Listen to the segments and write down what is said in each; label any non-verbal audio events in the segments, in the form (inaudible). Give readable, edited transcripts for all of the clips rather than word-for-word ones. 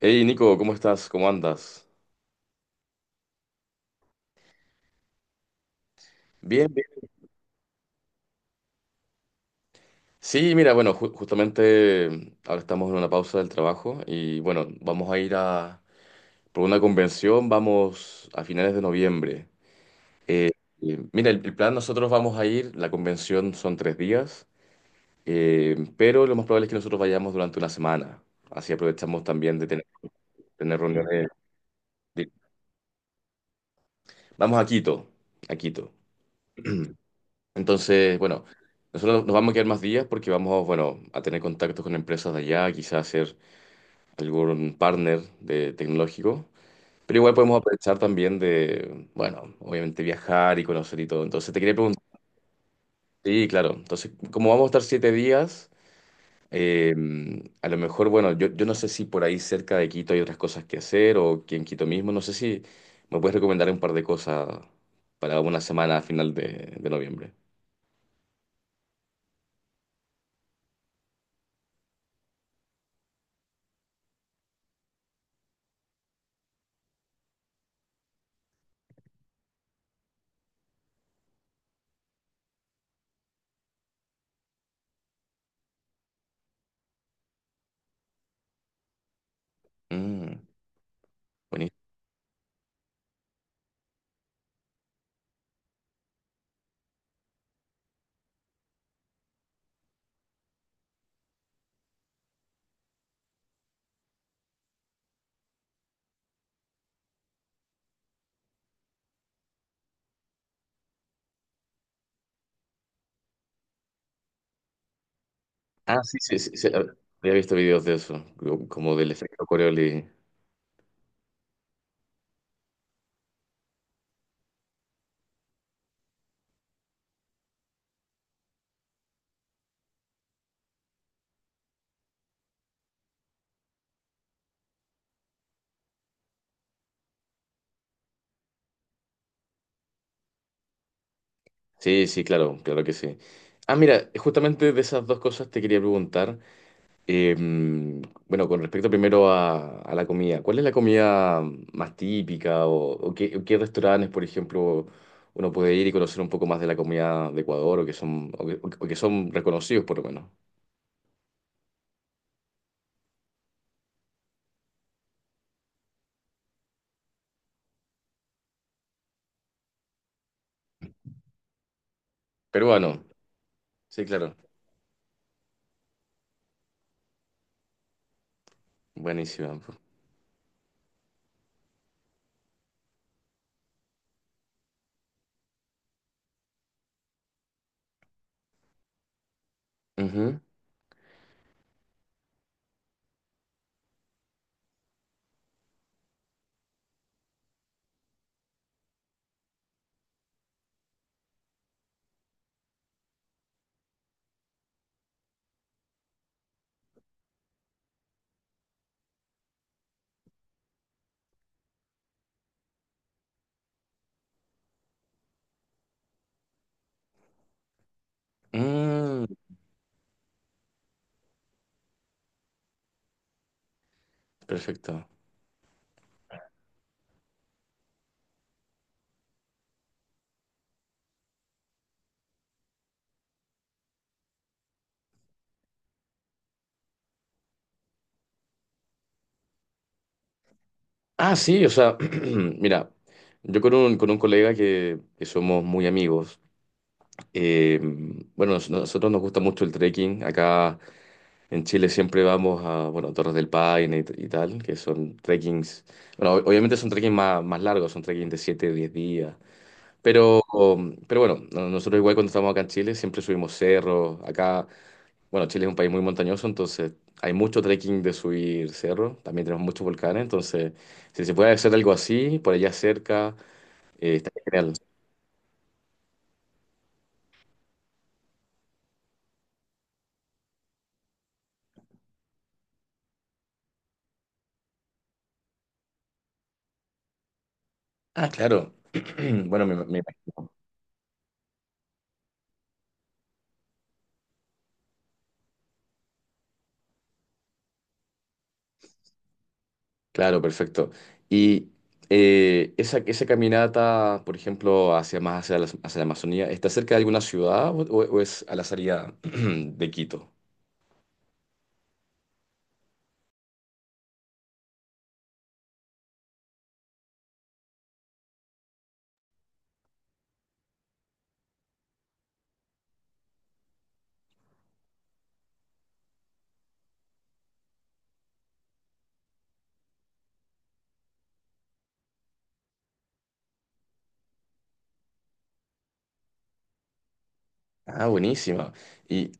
Hey Nico, ¿cómo estás? ¿Cómo andas? Bien. Sí, mira, bueno, justamente ahora estamos en una pausa del trabajo y bueno, vamos a ir a por una convención, vamos a finales de noviembre. Eh, mira, el plan, nosotros vamos a ir, la convención son 3 días, pero lo más probable es que nosotros vayamos durante una semana. Así aprovechamos también de tener, tener reuniones. de- Vamos a Quito, a Quito. Entonces, bueno, nosotros nos vamos a quedar más días porque vamos, bueno, a tener contactos con empresas de allá, quizás hacer algún partner de tecnológico. Pero igual podemos aprovechar también de, bueno, obviamente viajar y conocer y todo. Entonces te quería preguntar, sí, claro. Entonces, como vamos a estar 7 días, eh, a lo mejor, bueno, yo no sé si por ahí cerca de Quito hay otras cosas que hacer o que en Quito mismo, no sé si me puedes recomendar un par de cosas para una semana a final de noviembre. Mm, buenísimo. Ah, sí, sí, sí, sí, ah, había visto videos de eso, como del efecto Coriolis. Sí, sí, claro, claro que sí. Ah, mira, justamente de esas dos cosas te quería preguntar. eh, bueno, con respecto primero a la comida, ¿cuál es la comida más típica o qué, qué restaurantes, por ejemplo, uno puede ir y conocer un poco más de la comida de Ecuador o que son reconocidos por lo menos? Peruano. Sí, claro. Buenísimo. Ujú. Mm, perfecto. Ah, sí, o sea, (clears throat) mira, yo con un colega que somos muy amigos, eh, bueno, nosotros nos gusta mucho el trekking, acá en Chile siempre vamos a, bueno, Torres del Paine y, y tal, que son trekkings, bueno, obviamente son trekkings más, más largos, son trekkings de 7, 10 días, pero, pero bueno, nosotros igual cuando estamos acá en Chile siempre subimos cerros. Acá, bueno, Chile es un país muy montañoso, entonces hay mucho trekking de subir cerros. También tenemos muchos volcanes, entonces si se puede hacer algo así, por allá cerca, está genial. Ah, claro. (clears throat) Bueno, me imagino. Claro, perfecto. Y esa caminata, por ejemplo, hacia más hacia hacia la Amazonía, ¿está cerca de alguna ciudad o, o es a la salida (clears throat) de Quito? Ah, buenísima. Y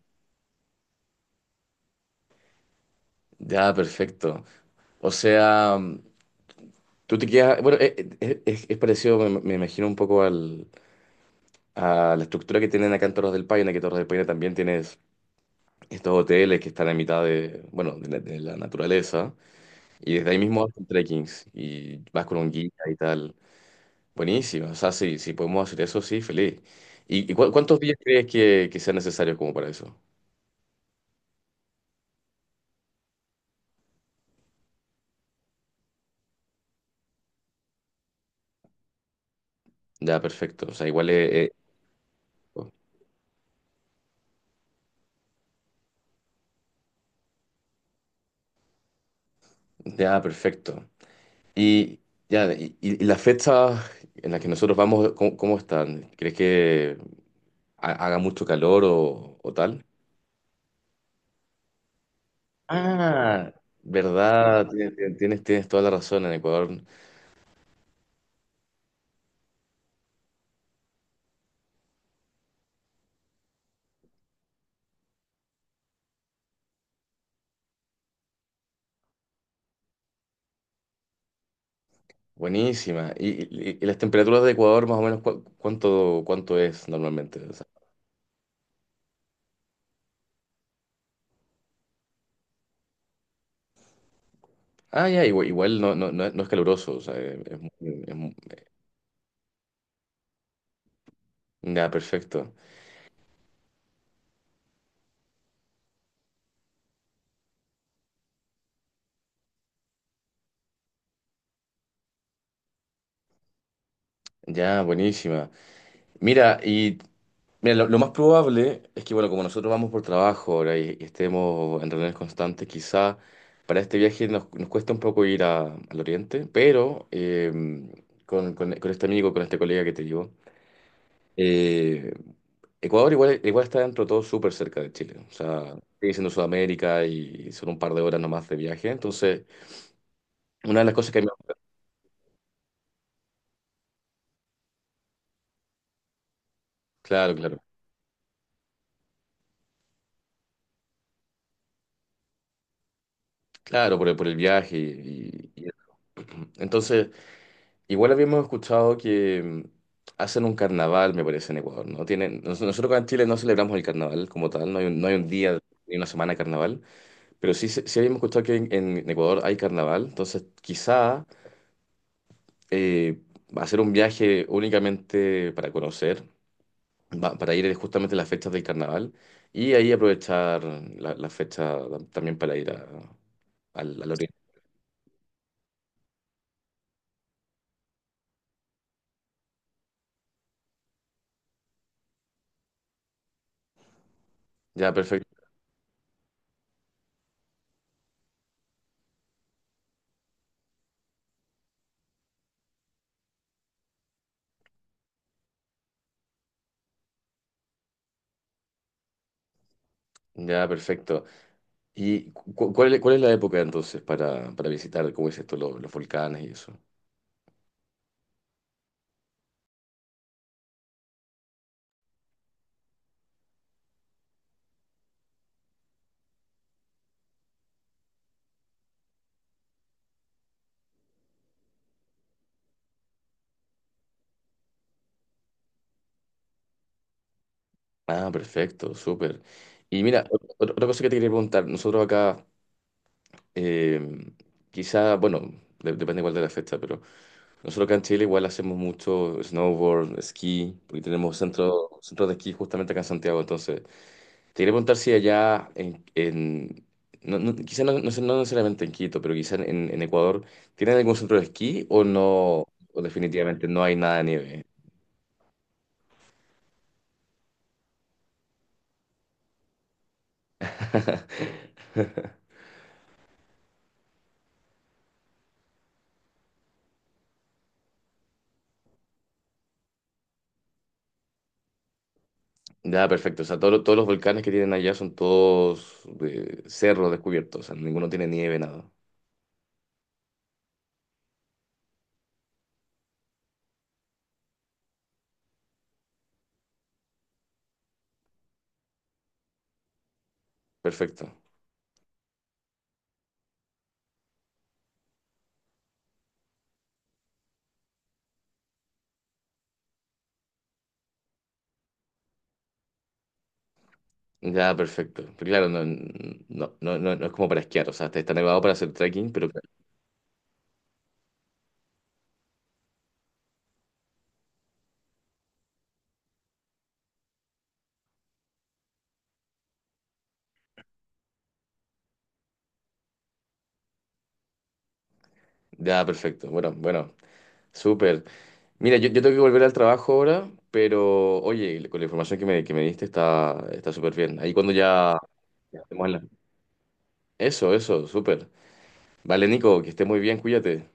ya, perfecto. O sea, mm, tú te quedas. Bueno, es parecido, me imagino, un poco al, a la estructura que tienen acá en Torres del Paine, que Torres del Paine también tienes estos hoteles que están en mitad de, bueno, de de la naturaleza. Y desde ahí mismo hacen trekkings y vas con un guía y tal. Buenísimo. O sea, si, si podemos hacer eso, sí, feliz. Y, y ¿cuántos días crees que sean necesarios como para eso? Ya, perfecto. O sea, igual es. Ya, perfecto. Y, ya, y las fechas en las que nosotros vamos, ¿cómo, cómo están? ¿Crees que haga mucho calor o tal? Ah, verdad, tienes, tienes, tienes toda la razón en Ecuador. Buenísima. ¿Y, y las temperaturas de Ecuador más o menos cuánto, cuánto es normalmente? O sea, ah, ya, igual, igual no, no, no es no es caluroso. O sea, es es muy. Ya, perfecto. Ya, buenísima. Mira, y mira, lo más probable es que, bueno, como nosotros vamos por trabajo ahora y estemos en reuniones constantes, quizá para este viaje nos, nos cuesta un poco ir al oriente, pero con, con este amigo, con este colega que te digo, eh, Ecuador igual, igual está dentro de todo súper cerca de Chile. O sea, sigue siendo Sudamérica y son un par de horas nomás de viaje. Entonces, una de las cosas que a mí. Claro, claro. Claro, por el viaje y, y. Entonces, igual habíamos escuchado que hacen un carnaval, me parece, en Ecuador, ¿no? Tienen, nosotros acá en Chile no celebramos el carnaval como tal, no hay un, no hay un día ni una semana de carnaval, pero sí, sí habíamos escuchado que en Ecuador hay carnaval, entonces quizá eh, hacer un viaje únicamente para conocer, para ir justamente a las fechas del carnaval y ahí aprovechar la, la fecha también para ir al, al oriente. Ya, perfecto. Ya, perfecto. Y cuál, es ¿cuál es la época entonces para visitar, como dices tú, los volcanes y eso? Ah, perfecto, súper. Y mira, otra cosa que te quería preguntar, nosotros acá, eh, quizá, bueno, depende igual de la fecha, pero nosotros acá en Chile igual hacemos mucho snowboard, esquí, porque tenemos centro, centros de esquí justamente acá en Santiago, entonces te quería preguntar si allá en no, no, quizá no, no necesariamente en Quito, pero quizá en Ecuador, ¿tienen algún centro de esquí o no, o definitivamente no hay nada de nieve? Ya, perfecto. O sea, todo todos los volcanes que tienen allá son todos cerros descubiertos. O sea, ninguno tiene nieve, nada. Perfecto. Ya, perfecto. Pero claro, no, no, no, no, no es como para esquiar. O sea, está está nevado para hacer trekking, pero ya, perfecto. Bueno, bueno, súper. Mira, yo tengo que volver al trabajo ahora, pero oye, con la información que me diste está está súper bien. Ahí cuando ya... ya estemos en la. Eso, eso, súper. Vale, Nico, que estés muy bien, cuídate.